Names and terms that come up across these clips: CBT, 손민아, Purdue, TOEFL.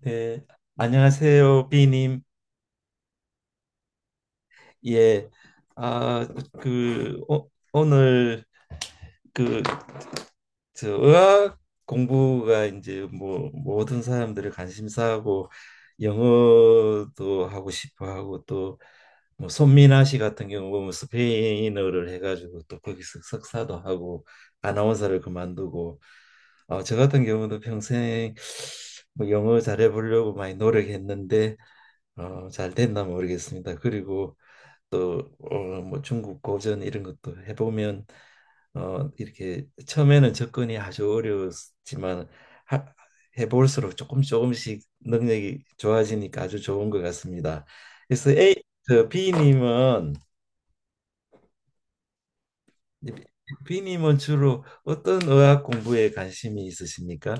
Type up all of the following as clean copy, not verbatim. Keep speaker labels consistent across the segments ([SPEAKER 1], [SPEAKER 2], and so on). [SPEAKER 1] 네, 안녕하세요, 비님. 예, 아, 그 오늘 그저 의학 공부가 이제 뭐 모든 사람들의 관심사고, 영어도 하고 싶어 하고, 또뭐 손민아 씨 같은 경우 보면 스페인어를 해가지고 또 거기서 석사도 하고 아나운서를 그만두고, 저 같은 경우도 평생 뭐 영어 잘해보려고 많이 노력했는데 잘 됐나 모르겠습니다. 그리고 또 뭐 중국 고전 이런 것도 해보면 이렇게 처음에는 접근이 아주 어려웠지만, 하, 해볼수록 조금 조금씩 능력이 좋아지니까 아주 좋은 것 같습니다. 그래서 A, 저 B님은 주로 어떤 의학 공부에 관심이 있으십니까?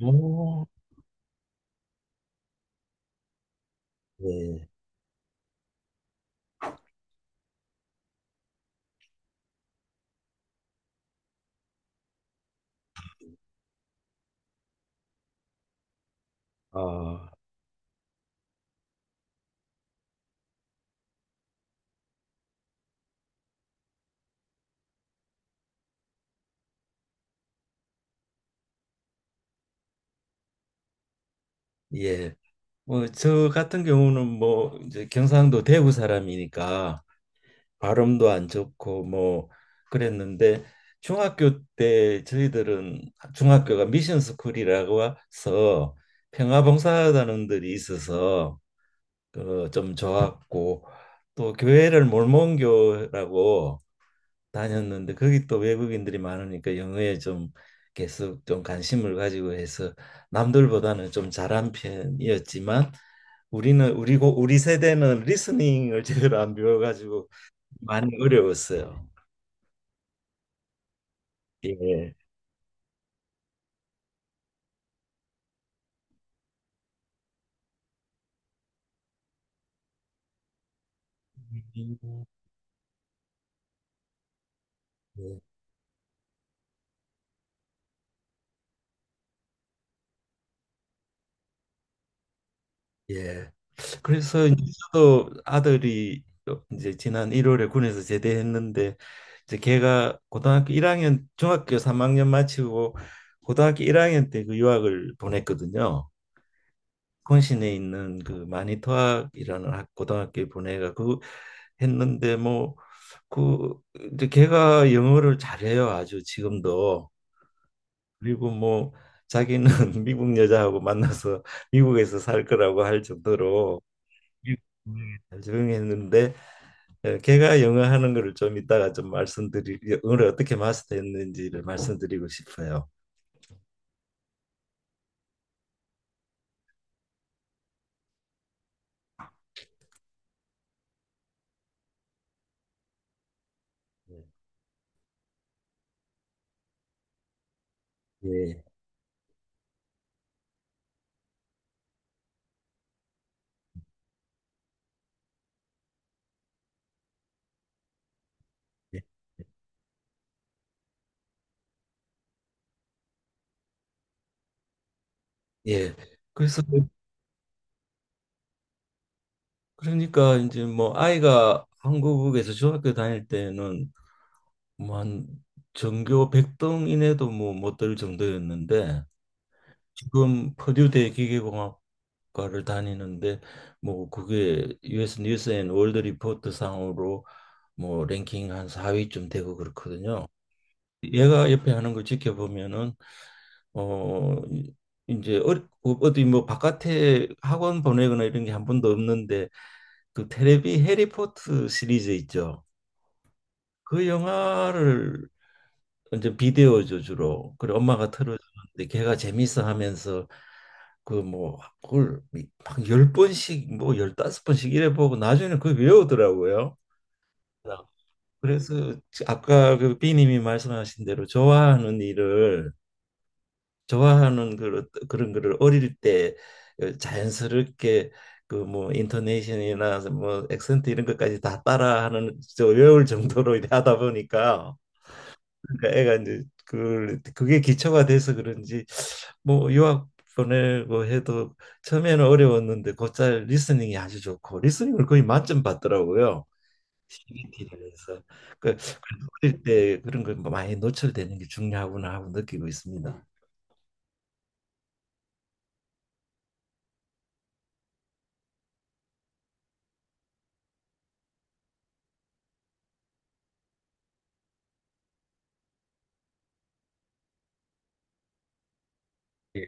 [SPEAKER 1] 오, 예, 어, 예. 뭐 저 같은 경우는 뭐 이제 경상도 대구 사람이니까 발음도 안 좋고 뭐 그랬는데, 중학교 때 저희들은 중학교가 미션 스쿨이라고 해서 평화봉사단원들이 있어서 그 좀 좋았고, 또 교회를 몰몬교라고 다녔는데 거기 또 외국인들이 많으니까 영어에 좀 계속 좀 관심을 가지고 해서 남들보다는 좀 잘한 편이었지만, 우리는 우리고 우리 세대는 리스닝을 제대로 안 배워가지고 많이 어려웠어요. 예. 음, 예. 예. 그래서 이제 저도 아들이 이제 지난 1월에 군에서 제대했는데, 이제 걔가 고등학교 1학년, 중학교 3학년 마치고 고등학교 1학년 때 그 유학을 보냈거든요. 콘신에 있는 그 마니토학이라는 고등학교에 보내가 그 했는데, 뭐 그 이제 걔가 영어를 잘해요. 아주 지금도. 그리고 뭐 자기는 미국 여자하고 만나서 미국에서 살 거라고 할 정도로 조용했는데, 걔가 영어 하는 거를 좀 이따가 좀 말씀드리 영어를 어떻게 마스터했는지를 말씀드리고 싶어요. 예. 예. 예. 그래서 그러니까 이제 뭐 아이가 한국에서 중학교 다닐 때는 뭐 한 전교 100등 이내도 뭐 못 들 정도였는데, 지금 퍼듀대 기계공학과를 다니는데 뭐 그게 US 뉴스 앤 월드 리포트 상으로 뭐 랭킹 한 4위쯤 되고 그렇거든요. 얘가 옆에 하는 걸 지켜보면은, 어 이- 제 어, 어디 뭐 바깥에 학원 보내거나 이런 게 한 번도 없는데, 그 테레비 해리포트 시리즈 있죠. 그 영화를 이제 비디오죠 주로. 그리고 엄마가 틀어주는데 걔가 재밌어 하면서 그 뭐 그걸 막열 번씩 뭐 열다섯 번씩 이래 보고 나중에는 그걸 외우더라고요. 그래서 아까 그 비님이 말씀하신 대로 좋아하는 일을, 좋아하는 그 그런 거를 어릴 때 그 자연스럽게 그 뭐 인토네이션이나 뭐 액센트 이런 것까지 다 따라하는, 저 외울 정도로 이렇게 하다 보니까, 그러니까 애가 이제 그 그게 기초가 돼서 그런지 뭐 유학 보내고 해도 처음에는 어려웠는데 곧잘 리스닝이 아주 좋고 리스닝을 거의 만점 받더라고요. 시 b 티를 해서. 그 어릴 때 그런 걸 뭐 많이 노출되는 게 중요하구나 하고 느끼고 있습니다. 예.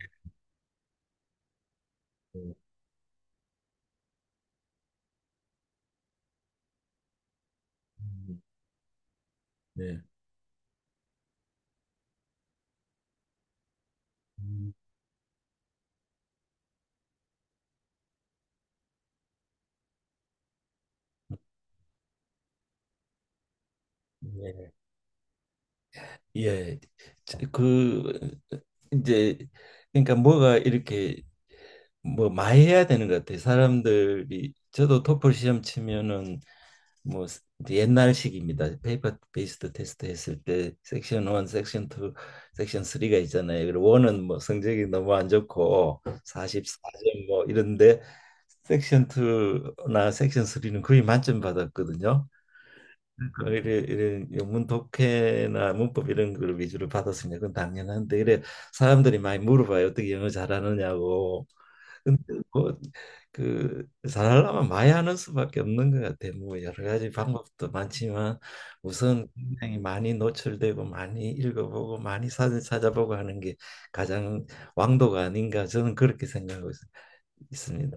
[SPEAKER 1] 음, 네. 음, 예. 예. 그 이제 그러니까 뭐가 이렇게 뭐 많이 해야 되는 것 같아요. 사람들이, 저도 토플 시험 치면은 뭐 옛날식입니다. 페이퍼 베이스드 테스트 했을 때 섹션 1, 섹션 2, 섹션 3가 있잖아요. 그리고 1은 뭐 성적이 너무 안 좋고 44점 뭐 이런데, 섹션 2나 섹션 3는 거의 만점 받았거든요. 이런 영문 독해나 문법 이런 걸 위주로 받았으니까 그건 당연한데, 이래 사람들이 많이 물어봐요. 어떻게 영어 잘하느냐고. 뭐그 잘하려면 많이 하는 수밖에 없는 것 같아. 뭐 여러 가지 방법도 많지만 우선 굉장히 많이 노출되고 많이 읽어보고 많이 사진 찾아보고 하는 게 가장 왕도가 아닌가, 저는 그렇게 생각하고 있습니다.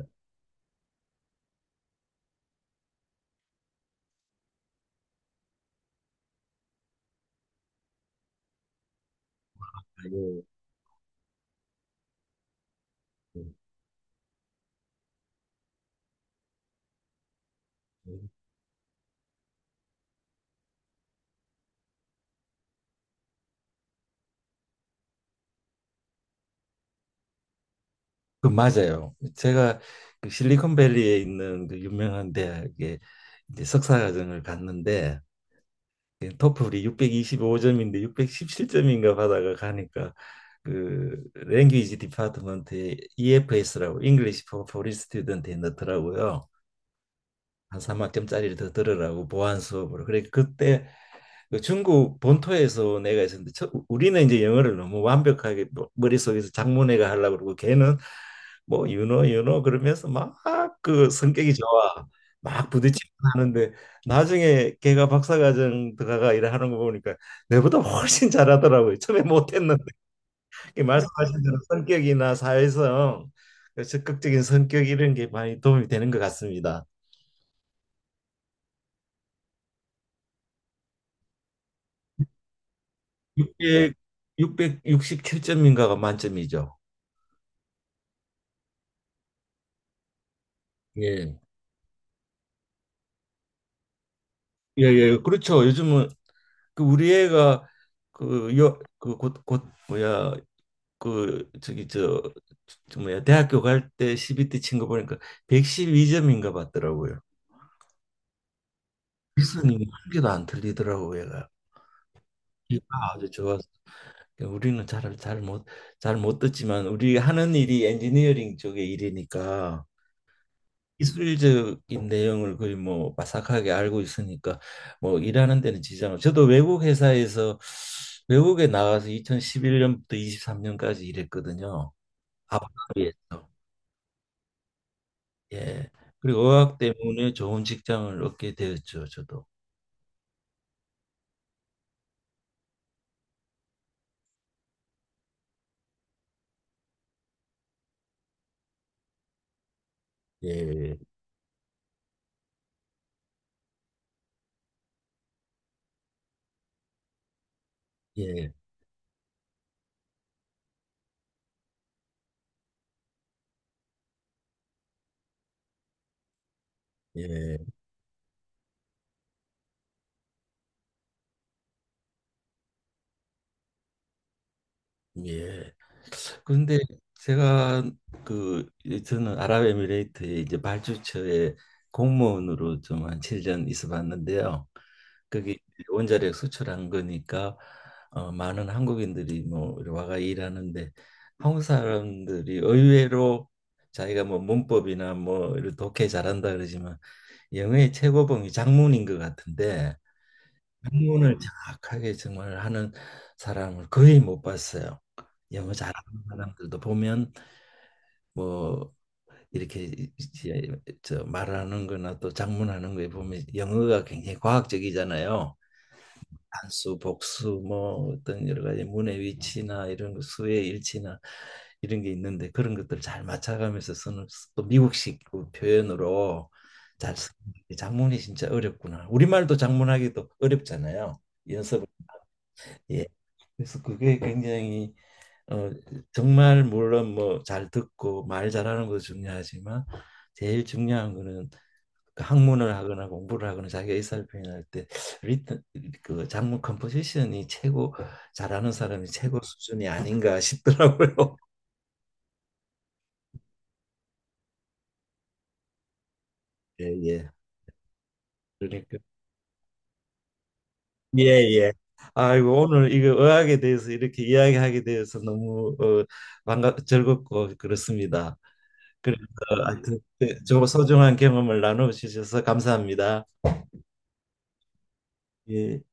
[SPEAKER 1] 예. 그 맞아요. 제가 그 실리콘밸리에 있는 그 유명한 대학에 이제 석사 과정을 갔는데, 예, 토플이 625점인데 617점인가 받아가 가니까 그 랭귀지 디파트먼트에 EFS라고, English for Foreign Student에 넣더라고요. 한 3학점짜리를 더 들으라고 보안 수업으로. 그래 그때, 그 중국 본토에서 내가 있었는데, 우리는 이제 영어를 너무 완벽하게 머릿속에서 장문회가 하려고 그러고, 걔는 뭐 유노 유노 그러면서 막, 그 성격이 좋아 막 부딪히고 하는데, 나중에 걔가 박사과정 들어가 일하는 거 보니까 내보다 훨씬 잘하더라고요. 처음에 못했는데. 이 말씀하신 대로 성격이나 사회성, 그 적극적인 성격 이런 게 많이 도움이 되는 것 같습니다. 6 667점인가가 만점이죠. 예. 예, 예, 그렇죠. 요즘은 그 우리 애가, 그 여 그 곧 뭐야, 그 저기 저 뭐야, 대학교 갈 때 CBT 친 거 보니까 112점인가 봤더라고요. 리스이한 개도 안 틀리더라고요, 얘가. 얘가 아주 좋아어. 그러니까 우리는 잘 못 듣지만 우리 하는 일이 엔지니어링 쪽의 일이니까 기술적인 내용을 거의 뭐 바삭하게 알고 있으니까 뭐 일하는 데는 지장 없. 저도 외국 회사에서, 외국에 나가서 2011년부터 23년까지 일했거든요. 아부다비에서. 예. 그리고 어학 때문에 좋은 직장을 얻게 되었죠, 저도. 예. 예. 예. 예. 그런데 제가 그 저는 아랍에미레이트에 이제 발주처에 공무원으로 좀 한 7년 있어 봤는데요. 그게 이제 원자력 수출한 거니까, 많은 한국인들이 뭐 이리 와가 일하는데, 한국 사람들이 의외로 자기가 뭐 문법이나 뭐 이런 독해 잘한다 그러지만 영어의 최고봉이 작문인 것 같은데, 작문을 정확하게 정말 하는 사람을 거의 못 봤어요. 영어 잘하는 사람들도 보면 뭐, 이렇게 이제 저 말하는 거나 또 작문하는 거에 보면 영어가 굉장히 과학적이잖아요. 단수, 복수, 뭐 어떤 여러 가지 문의 위치나 이런 거 수의 일치나 이런 게 있는데, 그런 것들 잘 맞춰가면서 쓰는, 또 미국식 그 표현으로 잘 쓰는 게 장문이 진짜 어렵구나. 우리말도 장문하기도 어렵잖아요. 연습을. 예. 그래서 그게 굉장히, 어, 정말 물론 뭐 잘 듣고 말 잘하는 것도 중요하지만 제일 중요한 거는 그 학문을 하거나 공부를 하거나 자기가 의사를 표현할 때, 리듬, 그 장문 컴포지션이 최고 잘하는 사람이 최고 수준이 아닌가 싶더라고요. 예, 예. 그러니까, 예, 예. 아이고 오늘 이거 의학에 대해서 이렇게 이야기하게 되어서 너무 반갑 즐겁고 그렇습니다. 그래서 하여튼 저 소중한 경험을 나누셔서 감사합니다. 예.